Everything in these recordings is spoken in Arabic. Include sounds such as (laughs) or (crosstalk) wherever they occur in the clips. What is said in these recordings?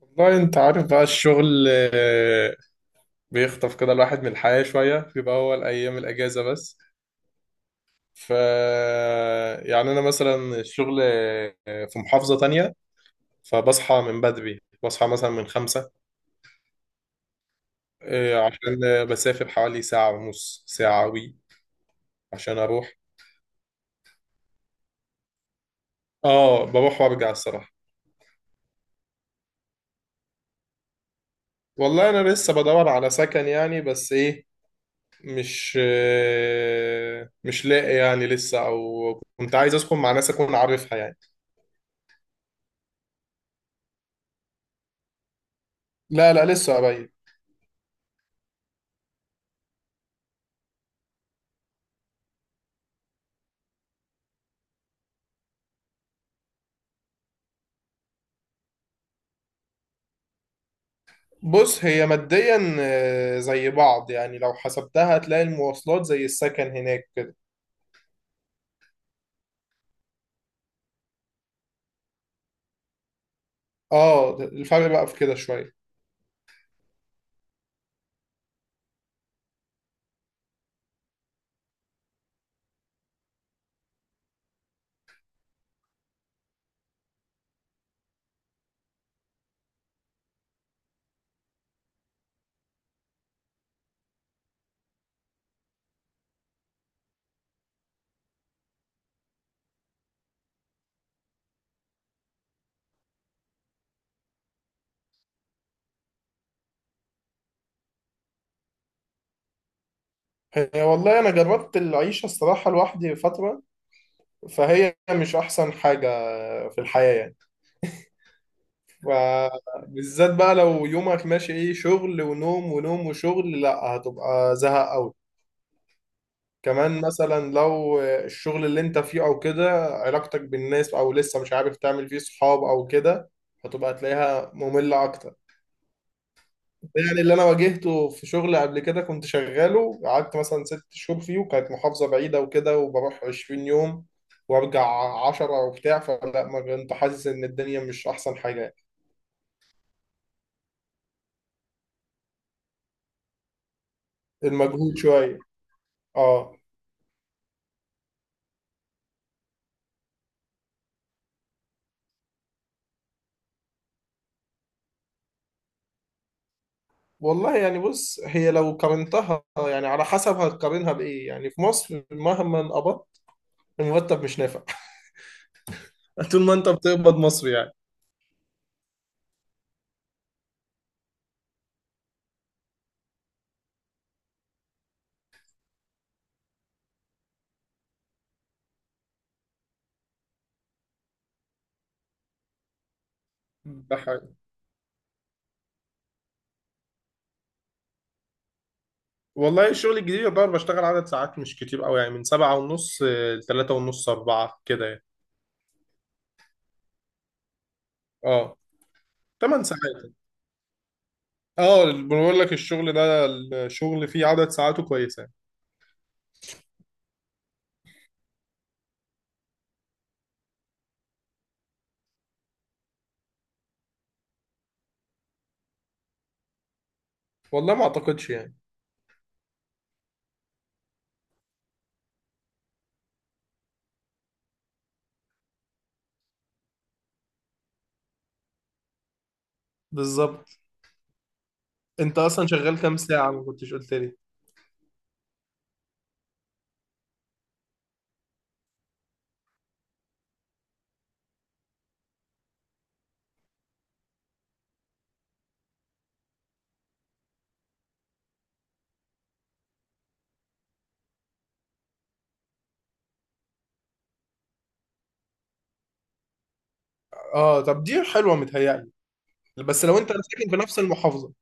والله انت عارف بقى الشغل، بيخطف كده الواحد من الحياة شوية، بيبقى هو الأيام الأجازة بس. ف يعني أنا مثلا الشغل في محافظة تانية. فبصحى من بدري، بصحى مثلا من خمسة عشان بسافر حوالي ساعة ونص ساعة عشان أروح. اه، بروح وأرجع الصراحة. والله أنا لسه بدور على سكن يعني، بس إيه، مش لاقي يعني لسه. أو كنت عايز أسكن مع ناس أكون عارفها يعني. لا، لا، لسه قريب. بص، هي ماديا زي بعض يعني، لو حسبتها هتلاقي المواصلات زي السكن هناك كده. اه، الفرق بقى في كده شوية. هي والله انا جربت العيشة الصراحة لوحدي فترة، فهي مش احسن حاجة في الحياة يعني. فبالذات بقى لو يومك ماشي ايه، شغل ونوم ونوم وشغل، لا هتبقى زهق قوي. كمان مثلا لو الشغل اللي انت فيه او كده، علاقتك بالناس او لسه مش عارف تعمل فيه صحاب او كده، هتبقى تلاقيها مملة اكتر. يعني اللي انا واجهته في شغل قبل كده، كنت شغاله قعدت مثلا 6 شهور فيه، وكانت محافظة بعيدة وكده، وبروح 20 يوم وارجع 10 وبتاع، فلا ما كنت حاسس ان الدنيا مش احسن حاجة يعني. المجهود شوية. اه. والله يعني بص، هي لو قارنتها يعني على حسب هتقارنها بايه، يعني في مصر مهما قبضت المرتب مش نافع. (laughs) طول ما انت بتقبض مصري يعني. ده حقيقي. والله الشغل الجديد يعتبر بشتغل عدد ساعات مش كتير قوي يعني، من سبعة ونص لتلاتة ونص أربعة كده يعني. اه، 8 ساعات. اه، بقول لك الشغل ده، الشغل فيه عدد ساعاته كويسة يعني. والله ما أعتقدش يعني. بالظبط. انت اصلا شغال كام ساعة؟ ما كنتش قلت لي. اه، طب دي حلوة متهيألي، بس لو انت ساكن في نفس المحافظة.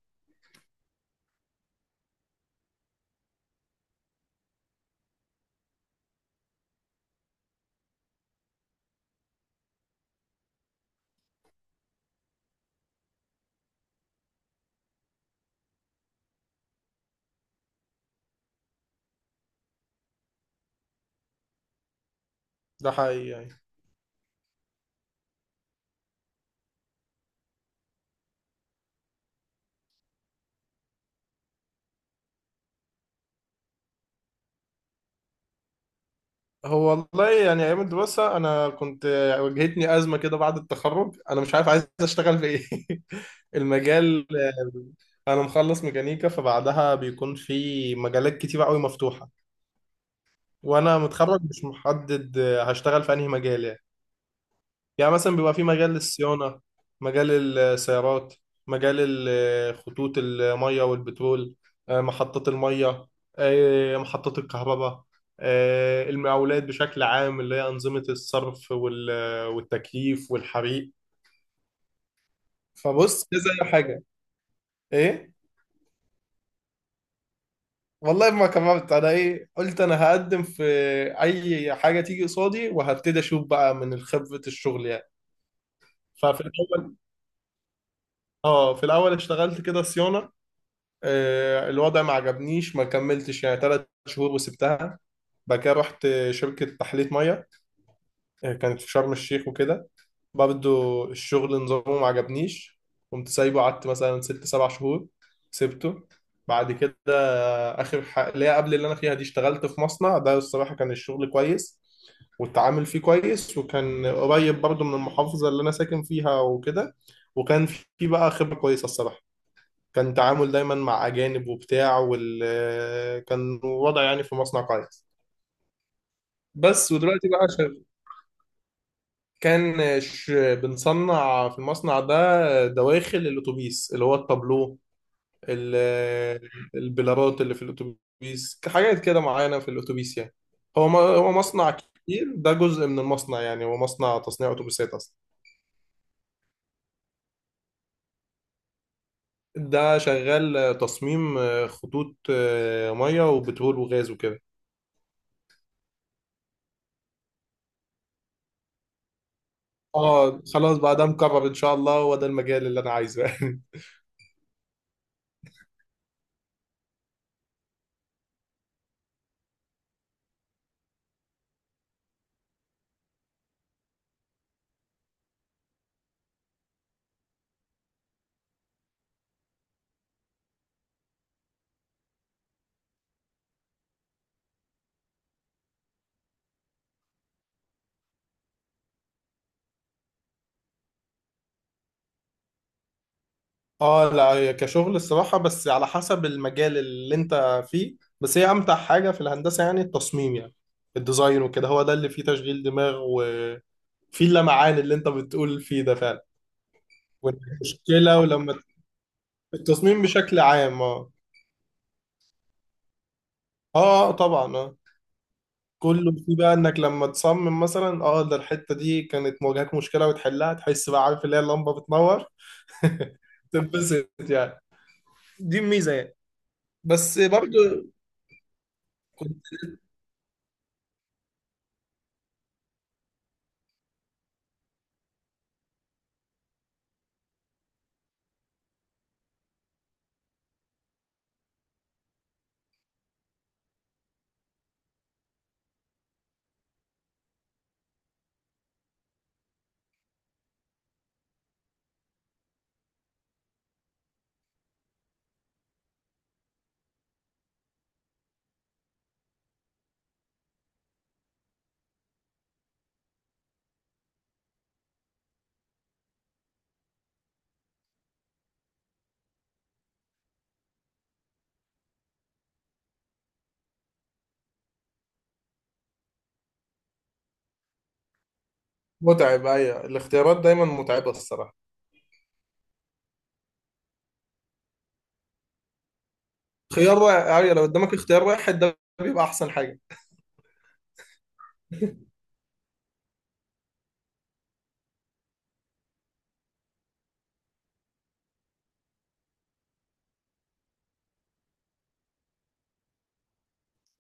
ده حقيقي يعني. هو والله يعني ايام الدراسه انا كنت، واجهتني ازمه كده بعد التخرج، انا مش عارف عايز اشتغل في ايه. (laughs) المجال، انا مخلص ميكانيكا، فبعدها بيكون في مجالات كتير قوي مفتوحه، وانا متخرج مش محدد هشتغل في انهي مجال يعني. يعني مثلا بيبقى في مجال الصيانة، مجال السيارات، مجال خطوط المية والبترول، محطات المية، محطات الكهرباء، المقاولات بشكل عام اللي هي أنظمة الصرف والتكييف والحريق. فبص، كذا حاجة. إيه. والله ما كبرت أنا إيه، قلت أنا هقدم في أي حاجة تيجي قصادي وهبتدي أشوف بقى من خبرة الشغل يعني. ففي الأول اشتغلت كده صيانة، الوضع ما عجبنيش، ما كملتش يعني 3 شهور وسبتها. بعد كده رحت شركة تحلية مية، كانت في شرم الشيخ وكده، برضه الشغل نظامه ما عجبنيش، قمت سايبه قعدت مثلا 6، 7 شهور، سبته. بعد كده آخر حاجة اللي هي قبل اللي أنا فيها دي، اشتغلت في مصنع، ده الصراحة كان الشغل كويس والتعامل فيه كويس، وكان قريب برضه من المحافظة اللي أنا ساكن فيها وكده. وكان في بقى خبرة كويسة الصراحة، كان تعامل دايما مع أجانب وبتاع وال، كان وضع يعني في مصنع كويس. بس ودلوقتي بقى شغ... بنصنع في المصنع ده دواخل الأتوبيس اللي هو التابلو، ال... البلارات اللي في الأتوبيس، حاجات كده معينة في الأتوبيس يعني. هو مصنع كبير، ده جزء من المصنع، يعني هو مصنع تصنيع أتوبيسات أصلا. ده شغال تصميم خطوط مية وبترول وغاز وكده. اه، خلاص بقى ده مقرر ان شاء الله، هو ده المجال اللي انا عايزه يعني. (laughs) اه لا، هي كشغل الصراحه بس على حسب المجال اللي انت فيه، بس هي امتع حاجه في الهندسه يعني التصميم يعني، الديزاين وكده، هو ده اللي فيه تشغيل دماغ وفيه اللمعان اللي انت بتقول فيه ده فعلا. والمشكله ولما، التصميم بشكل عام اه. اه، طبعا اه. كله فيه بقى انك لما تصمم مثلا اه، ده الحته دي كانت مواجهاك مشكله وتحلها، تحس بقى عارف اللي هي اللمبه بتنور. (laughs) تنبسط يعني. دي الميزه يعني. بس برضه كنت متعب، ايوه، الاختيارات دايما متعبه الصراحه. خيار واحد، ايوه لو قدامك اختيار واحد ده بيبقى احسن حاجه. (laughs)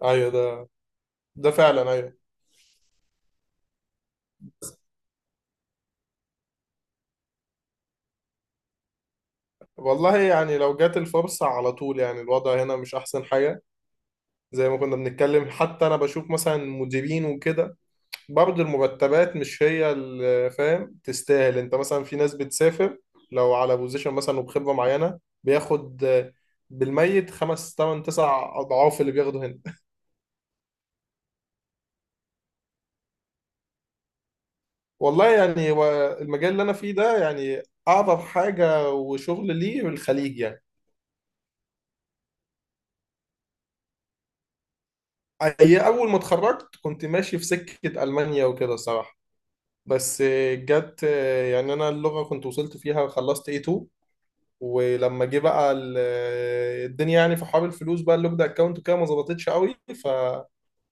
ايوه ده، ده فعلا، ايوه. والله يعني لو جات الفرصه على طول يعني، الوضع هنا مش احسن حاجه، زي ما كنا بنتكلم، حتى انا بشوف مثلا مديرين وكده، برضه المرتبات مش هي اللي فاهم تستاهل. انت مثلا في ناس بتسافر لو على بوزيشن مثلا وبخبره معينه بياخد بالميت خمس تمن تسع اضعاف اللي بياخده هنا. والله يعني هو المجال اللي انا فيه ده يعني، اعظم حاجه وشغل ليه الخليج يعني. هي اول ما اتخرجت كنت ماشي في سكه المانيا وكده صراحه، بس جت يعني، انا اللغه كنت وصلت فيها، خلصت A2. ولما جه بقى الدنيا يعني في حوار الفلوس بقى، اللوك ده اكونت وكده ما ظبطتش قوي،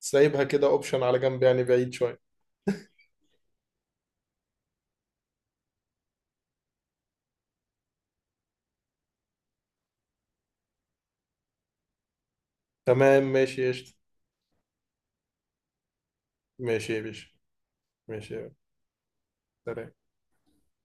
فسايبها كده اوبشن على جنب يعني، بعيد شويه. تمام ماشي قشطة. ماشي يا باشا. ماشي يا باشا. سلام.